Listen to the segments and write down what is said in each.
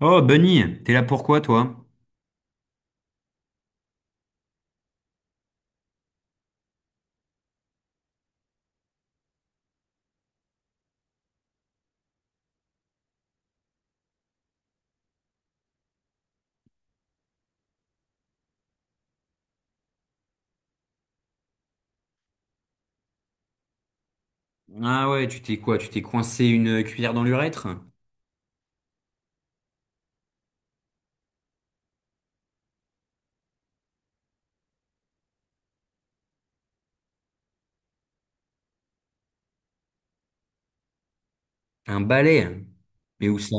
Oh, Bunny, t'es là pourquoi, toi? Ah ouais, tu t'es quoi? Tu t'es coincé une cuillère dans l'urètre? Un balai? Mais où ça?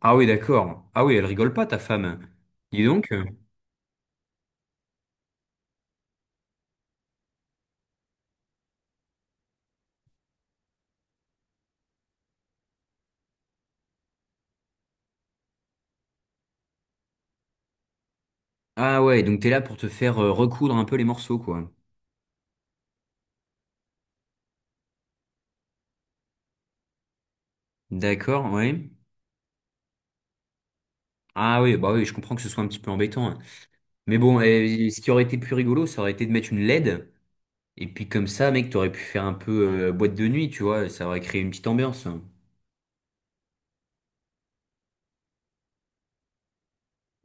Ah oui, d'accord. Ah oui, elle rigole pas, ta femme. Dis donc. Ah ouais, donc t'es là pour te faire recoudre un peu les morceaux, quoi. D'accord, ouais. Ah oui, bah oui, je comprends que ce soit un petit peu embêtant, hein. Mais bon, eh, ce qui aurait été plus rigolo, ça aurait été de mettre une LED. Et puis comme ça, mec, t'aurais pu faire un peu boîte de nuit, tu vois. Ça aurait créé une petite ambiance, hein.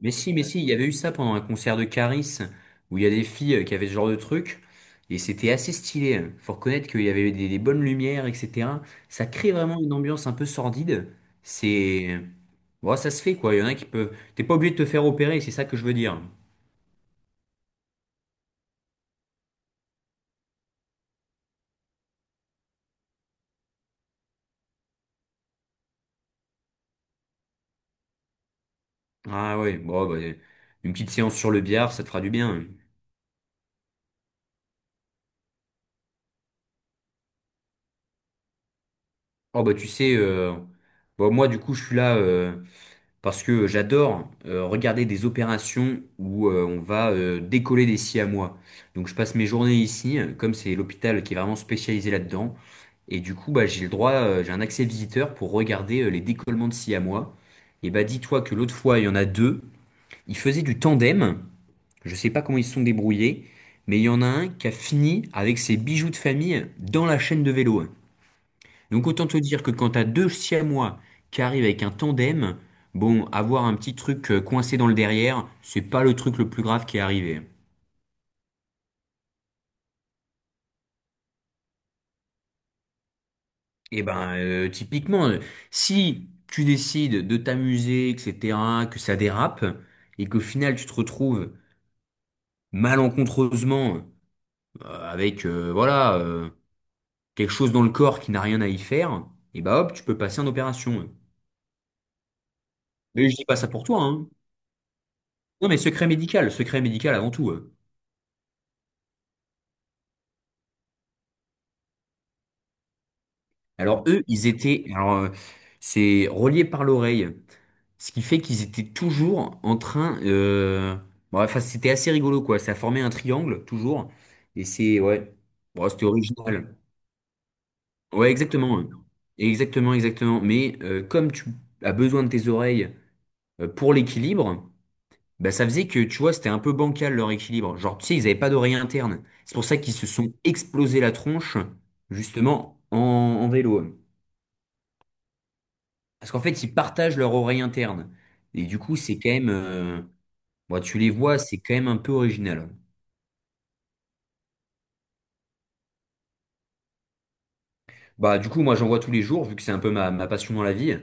Mais si, il y avait eu ça pendant un concert de Caris, où il y a des filles qui avaient ce genre de truc, et c'était assez stylé. Hein. Faut reconnaître qu'il y avait des bonnes lumières, etc. Ça crée vraiment une ambiance un peu sordide. C'est... Bon, ça se fait, quoi. Il y en a qui peuvent... T'es pas obligé de te faire opérer, c'est ça que je veux dire. Ah ouais, bon, bah, une petite séance sur le billard, ça te fera du bien. Oh bah tu sais, bon, moi du coup je suis là, parce que j'adore regarder des opérations où on va décoller des siamois. Donc je passe mes journées ici, comme c'est l'hôpital qui est vraiment spécialisé là-dedans. Et du coup, bah, j'ai le droit, j'ai un accès visiteur pour regarder les décollements de siamois. Et bah dis-toi que l'autre fois, il y en a deux. Ils faisaient du tandem. Je sais pas comment ils se sont débrouillés, mais il y en a un qui a fini avec ses bijoux de famille dans la chaîne de vélo. Donc autant te dire que quand t'as deux siamois qui arrivent avec un tandem, bon, avoir un petit truc coincé dans le derrière, c'est pas le truc le plus grave qui est arrivé. Et ben typiquement, si tu décides de t'amuser, etc., que ça dérape, et qu'au final tu te retrouves malencontreusement avec voilà quelque chose dans le corps qui n'a rien à y faire, et bah hop, tu peux passer en opération. Mais je dis pas ça pour toi, hein. Non mais secret médical avant tout, hein. Alors eux, ils étaient, alors c'est relié par l'oreille, ce qui fait qu'ils étaient toujours en train. Bon, enfin, c'était assez rigolo quoi. Ça formait un triangle toujours, et c'est ouais, bon, c'était original. Ouais, exactement, ouais, exactement, exactement. Mais comme tu as besoin de tes oreilles pour l'équilibre, bah ça faisait que tu vois, c'était un peu bancal leur équilibre. Genre tu sais, ils n'avaient pas d'oreille interne. C'est pour ça qu'ils se sont explosé la tronche justement en vélo. Parce qu'en fait, ils partagent leur oreille interne. Et du coup, c'est quand même, bah, tu les vois, c'est quand même un peu original. Bah, du coup, moi, j'en vois tous les jours, vu que c'est un peu ma passion dans la vie.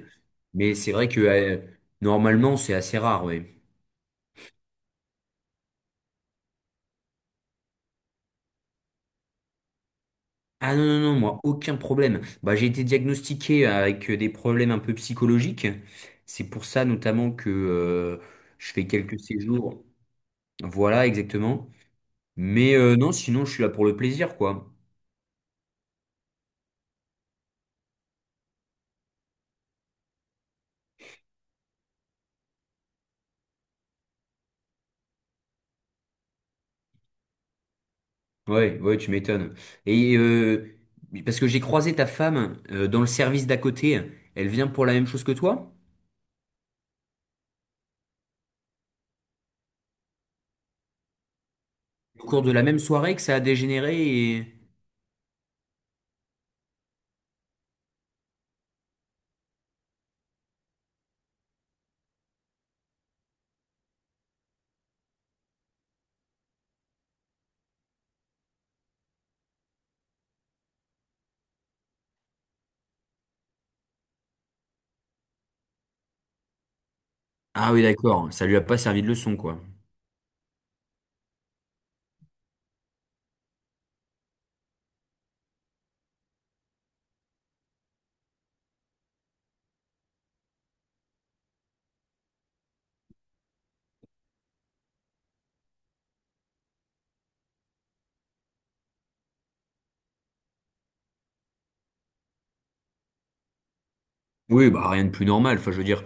Mais c'est vrai que normalement, c'est assez rare, ouais. Ah non, non, non, moi, aucun problème. Bah, j'ai été diagnostiqué avec des problèmes un peu psychologiques. C'est pour ça, notamment, que je fais quelques séjours. Voilà, exactement. Mais non, sinon, je suis là pour le plaisir, quoi. Ouais, ouais, tu m'étonnes. Et parce que j'ai croisé ta femme dans le service d'à côté, elle vient pour la même chose que toi? Au cours de la même soirée que ça a dégénéré et... Ah oui, d'accord, ça lui a pas servi de leçon, quoi. Oui, bah rien de plus normal, enfin je veux dire,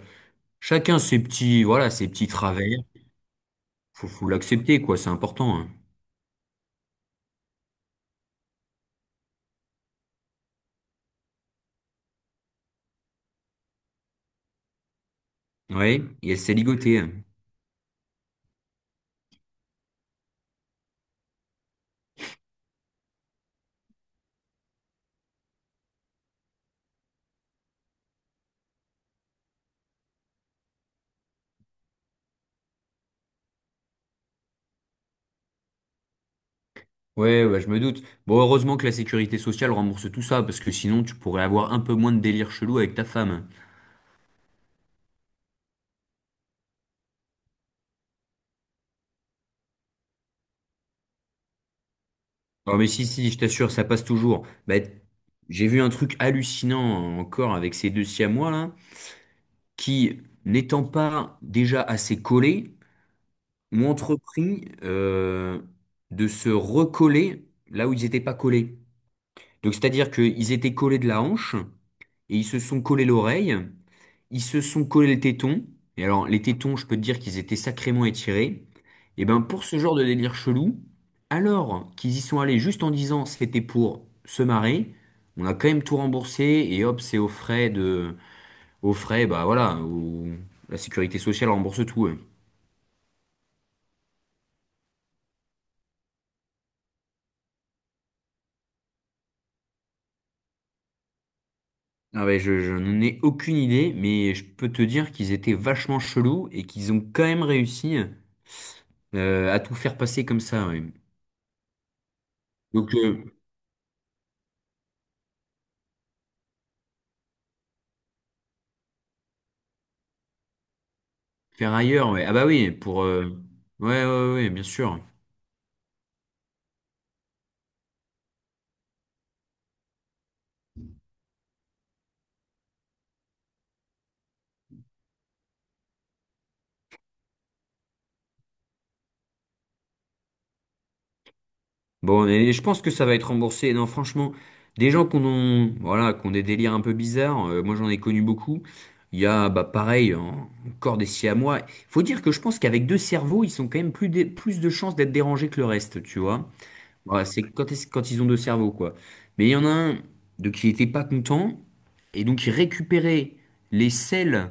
chacun ses petits, voilà, ses petits travers, faut l'accepter, quoi, c'est important, hein. Ouais, et elle s'est ligotée. Hein. Ouais, ouais, je me doute. Bon, heureusement que la sécurité sociale rembourse tout ça, parce que sinon tu pourrais avoir un peu moins de délire chelou avec ta femme. Non mais si, si, je t'assure, ça passe toujours. Bah, j'ai vu un truc hallucinant encore avec ces deux Siamois là, qui, n'étant pas déjà assez collés, ont entrepris de se recoller là où ils n'étaient pas collés. Donc c'est-à-dire qu'ils étaient collés de la hanche, et ils se sont collés l'oreille, ils se sont collés le téton. Et alors, les tétons, je peux te dire qu'ils étaient sacrément étirés. Et ben, pour ce genre de délire chelou, alors qu'ils y sont allés juste en disant c'était pour se marrer, on a quand même tout remboursé et hop, c'est aux frais de, aux frais, bah voilà, au- la sécurité sociale rembourse tout, eux. Ah ouais, je n'en ai aucune idée, mais je peux te dire qu'ils étaient vachement chelous et qu'ils ont quand même réussi à tout faire passer comme ça, ouais. Donc, faire ailleurs, ouais. Ah bah oui, pour... ouais, ouais, ouais, ouais, bien sûr. Bon, et je pense que ça va être remboursé. Non, franchement, des gens qu'on ont, voilà, qu'on des délires un peu bizarres, moi j'en ai connu beaucoup. Il y a, bah pareil, hein, encore des siamois. Faut dire que je pense qu'avec deux cerveaux, ils sont quand même plus, plus de chances d'être dérangés que le reste, tu vois. Voilà, c'est quand, quand ils ont deux cerveaux, quoi. Mais il y en a un de qui était pas content, et donc il récupérait les selles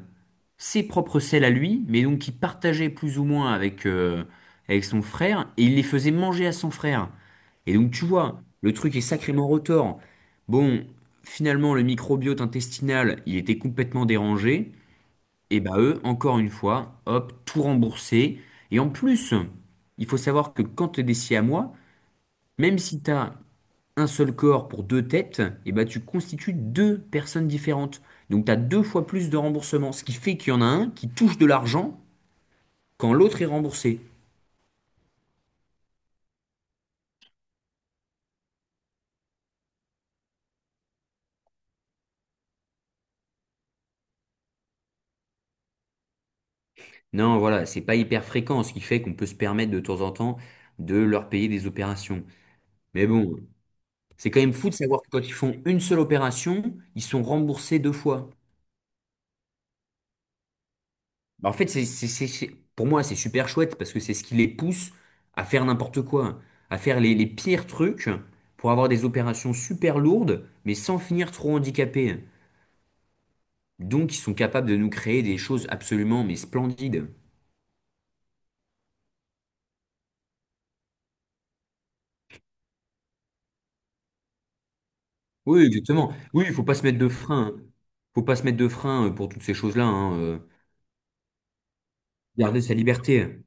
ses propres selles à lui, mais donc qu'il partageait plus ou moins avec, avec son frère, et il les faisait manger à son frère. Et donc tu vois, le truc est sacrément retors. Bon, finalement, le microbiote intestinal, il était complètement dérangé, et bah eux, encore une fois, hop, tout remboursé. Et en plus, il faut savoir que quand tu es à moi, même si tu as un seul corps pour deux têtes, et bah tu constitues deux personnes différentes. Donc tu as deux fois plus de remboursement, ce qui fait qu'il y en a un qui touche de l'argent quand l'autre est remboursé. Non, voilà, c'est pas hyper fréquent, ce qui fait qu'on peut se permettre de temps en temps de leur payer des opérations. Mais bon, c'est quand même fou de savoir que quand ils font une seule opération, ils sont remboursés deux fois. Bah, en fait, pour moi, c'est super chouette parce que c'est ce qui les pousse à faire n'importe quoi, à faire les pires trucs pour avoir des opérations super lourdes, mais sans finir trop handicapés. Donc, ils sont capables de nous créer des choses absolument, mais splendides. Oui, exactement. Oui, il faut pas se mettre de frein, hein. Faut pas se mettre de frein pour toutes ces choses-là, hein. Garder sa liberté.